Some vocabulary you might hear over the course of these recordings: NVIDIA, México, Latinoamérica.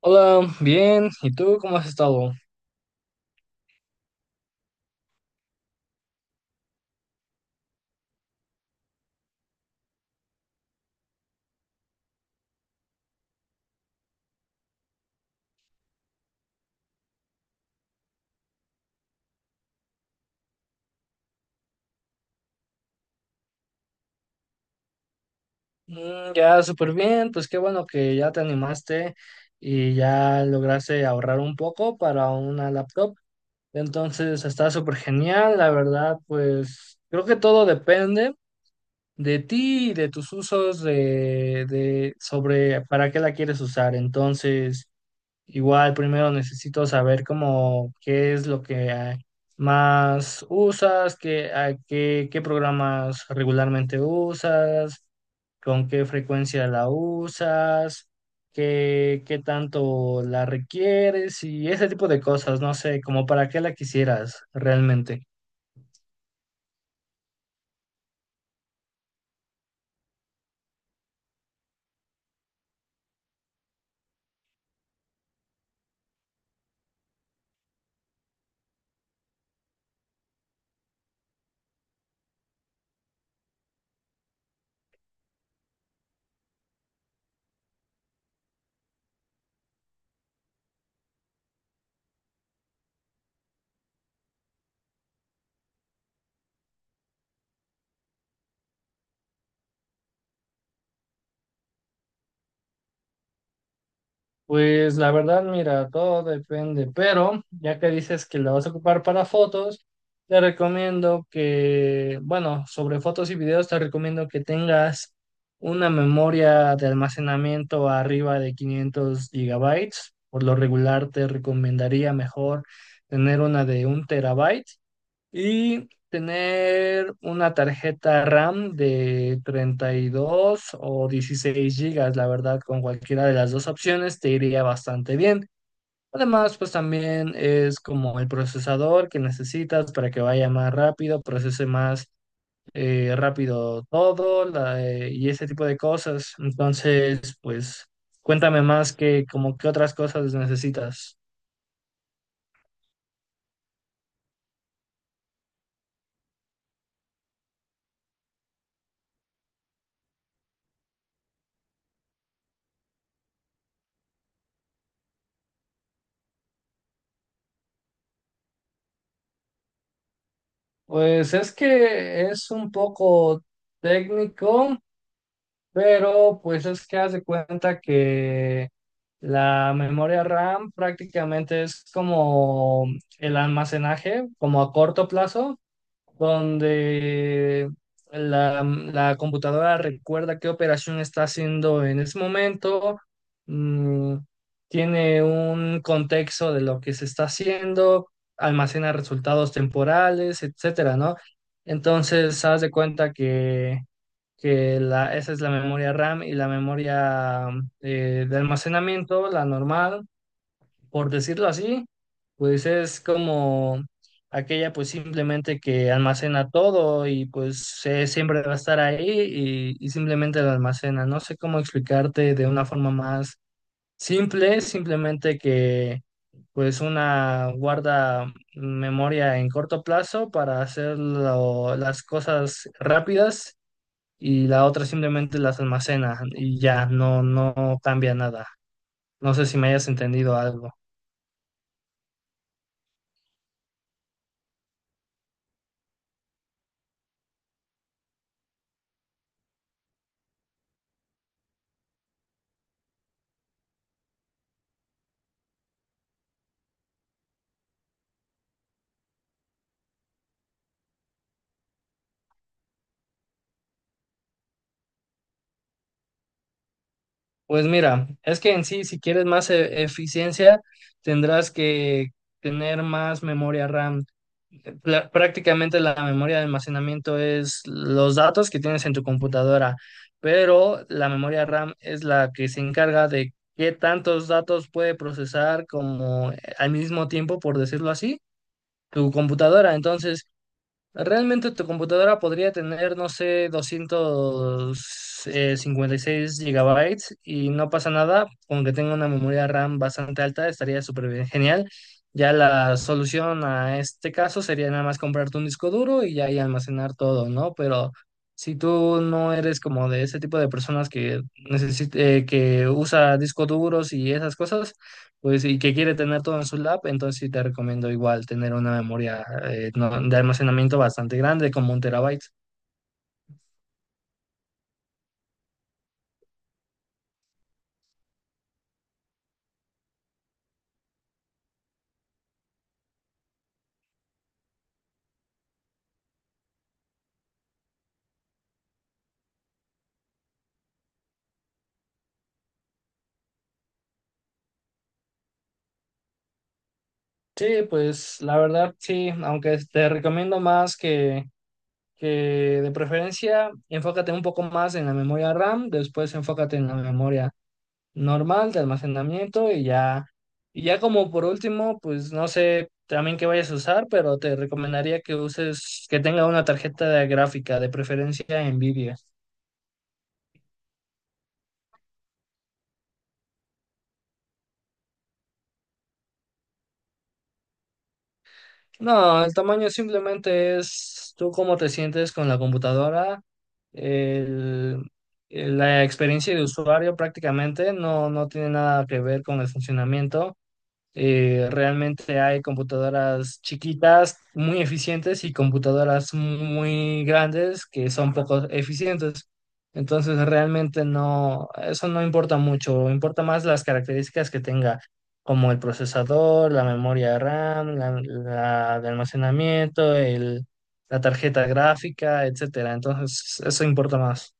Hola, bien. ¿Y tú cómo has estado? Ya súper bien. Pues qué bueno que ya te animaste y ya lograste ahorrar un poco para una laptop. Entonces está súper genial. La verdad, pues creo que todo depende de ti y de tus usos de sobre para qué la quieres usar. Entonces. Igual primero necesito saber cómo qué es lo que más usas, qué programas regularmente usas, con qué frecuencia la usas, qué tanto la requieres y ese tipo de cosas, no sé, como para qué la quisieras realmente. Pues la verdad, mira, todo depende, pero ya que dices que la vas a ocupar para fotos, te recomiendo que, bueno, sobre fotos y videos, te recomiendo que tengas una memoria de almacenamiento arriba de 500 gigabytes. Por lo regular, te recomendaría mejor tener una de un terabyte y tener una tarjeta RAM de 32 o 16 gigas, la verdad, con cualquiera de las dos opciones te iría bastante bien. Además, pues también es como el procesador que necesitas para que vaya más rápido, procese más rápido todo y ese tipo de cosas. Entonces, pues cuéntame más que como qué otras cosas necesitas. Pues es que es un poco técnico, pero pues es que haz de cuenta que la memoria RAM prácticamente es como el almacenaje, como a corto plazo, donde la computadora recuerda qué operación está haciendo en ese momento, mm, tiene un contexto de lo que se está haciendo, almacena resultados temporales, etcétera, ¿no? Entonces, haz de cuenta que esa es la memoria RAM y la memoria de almacenamiento, la normal, por decirlo así, pues es como aquella pues simplemente que almacena todo y pues siempre va a estar ahí y simplemente la almacena. No sé cómo explicarte de una forma más simple, simplemente que pues una guarda memoria en corto plazo para hacer lo- las cosas rápidas y la otra simplemente las almacena y ya no cambia nada. No sé si me hayas entendido algo. Pues mira, es que en sí, si quieres más eficiencia, tendrás que tener más memoria RAM. Pla- Prácticamente la memoria de almacenamiento es los datos que tienes en tu computadora, pero la memoria RAM es la que se encarga de qué tantos datos puede procesar como al mismo tiempo, por decirlo así, tu computadora. Entonces, realmente tu computadora podría tener, no sé, doscientos cincuenta y seis gigabytes y no pasa nada, aunque tenga una memoria RAM bastante alta, estaría súper bien, genial. Ya la solución a este caso sería nada más comprarte un disco duro y ya ahí almacenar todo, ¿no? Pero si tú no eres como de ese tipo de personas que necesite, que usa discos duros y esas cosas, pues, y que quiere tener todo en su lab, entonces sí te recomiendo igual tener una memoria de almacenamiento bastante grande, como un terabyte. Sí, pues la verdad sí, aunque te recomiendo más que de preferencia enfócate un poco más en la memoria RAM, después enfócate en la memoria normal de almacenamiento y ya como por último, pues no sé también qué vayas a usar, pero te recomendaría que uses, que tenga una tarjeta gráfica, de preferencia NVIDIA. No, el tamaño simplemente es tú cómo te sientes con la computadora, el- la experiencia de usuario prácticamente no, no tiene nada que ver con el funcionamiento. Realmente hay computadoras chiquitas, muy eficientes, y computadoras muy grandes que son poco eficientes. Entonces, realmente no, eso no importa mucho, importa más las características que tenga, como el procesador, la memoria RAM, la de almacenamiento, la tarjeta gráfica, etcétera. Entonces, eso importa más.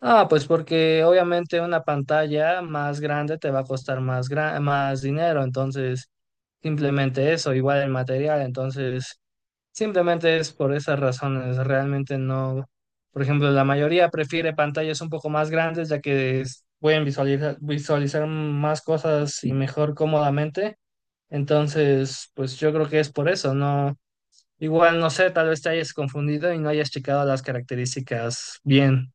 Ah, pues porque obviamente una pantalla más grande te va a costar más, más dinero, entonces simplemente eso, igual el material, entonces simplemente es por esas razones, realmente no, por ejemplo, la mayoría prefiere pantallas un poco más grandes ya que pueden visualizar, más cosas y mejor cómodamente, entonces pues yo creo que es por eso, no, igual no sé, tal vez te hayas confundido y no hayas checado las características bien.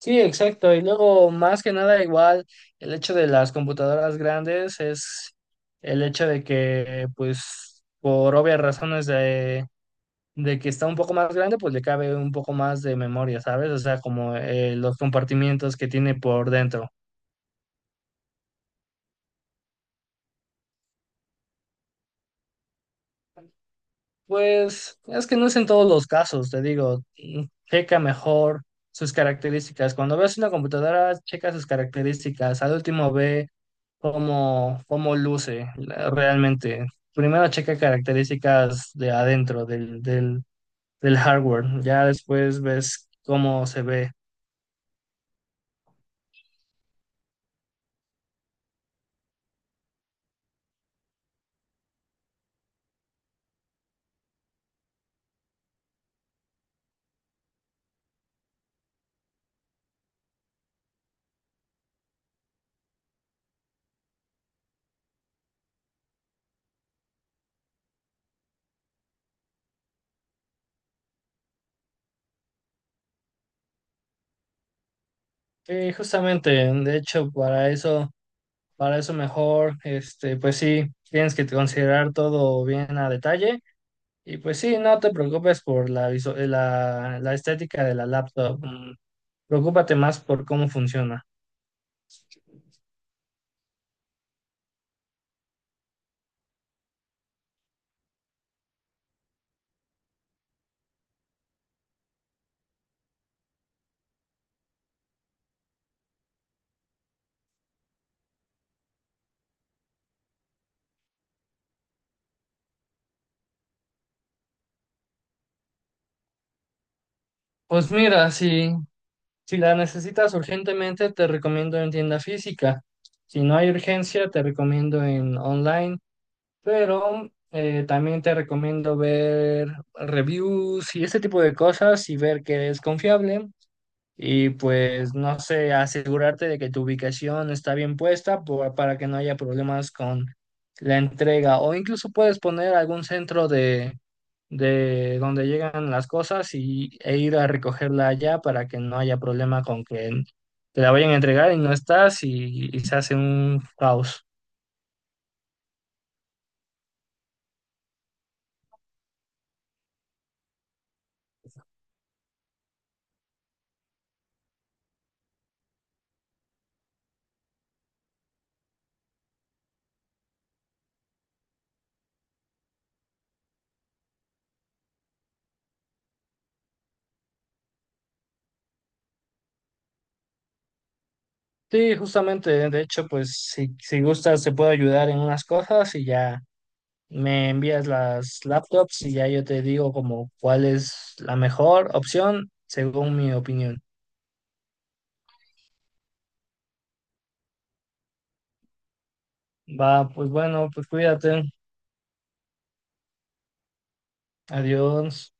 Sí, exacto. Y luego, más que nada, igual el hecho de las computadoras grandes es el hecho de que, pues, por obvias razones de que está un poco más grande, pues le cabe un poco más de memoria, ¿sabes? O sea, como los compartimientos que tiene por dentro. Pues es que no es en todos los casos, te digo, mm, checa mejor sus características. Cuando ves una computadora, checa sus características. Al último ve cómo, cómo luce realmente. Primero checa características de adentro del hardware, ya después ves cómo se ve. Justamente, de hecho, para eso mejor, este, pues sí, tienes que considerar todo bien a detalle. Y pues sí, no te preocupes por la estética de la laptop. Preocúpate más por cómo funciona. Pues mira, sí. Si la necesitas urgentemente, te recomiendo en tienda física. Si no hay urgencia, te recomiendo en online, pero también te recomiendo ver reviews y ese tipo de cosas y ver que es confiable y pues no sé, asegurarte de que tu ubicación está bien puesta para que no haya problemas con la entrega o incluso puedes poner algún centro de, donde llegan las cosas e ir a recogerla allá para que no haya problema con que te la vayan a entregar y no estás y se hace un caos. Sí, justamente, de hecho, pues si gustas te puedo ayudar en unas cosas y ya me envías las laptops y ya yo te digo como cuál es la mejor opción según mi opinión. Va, pues bueno, pues cuídate. Adiós.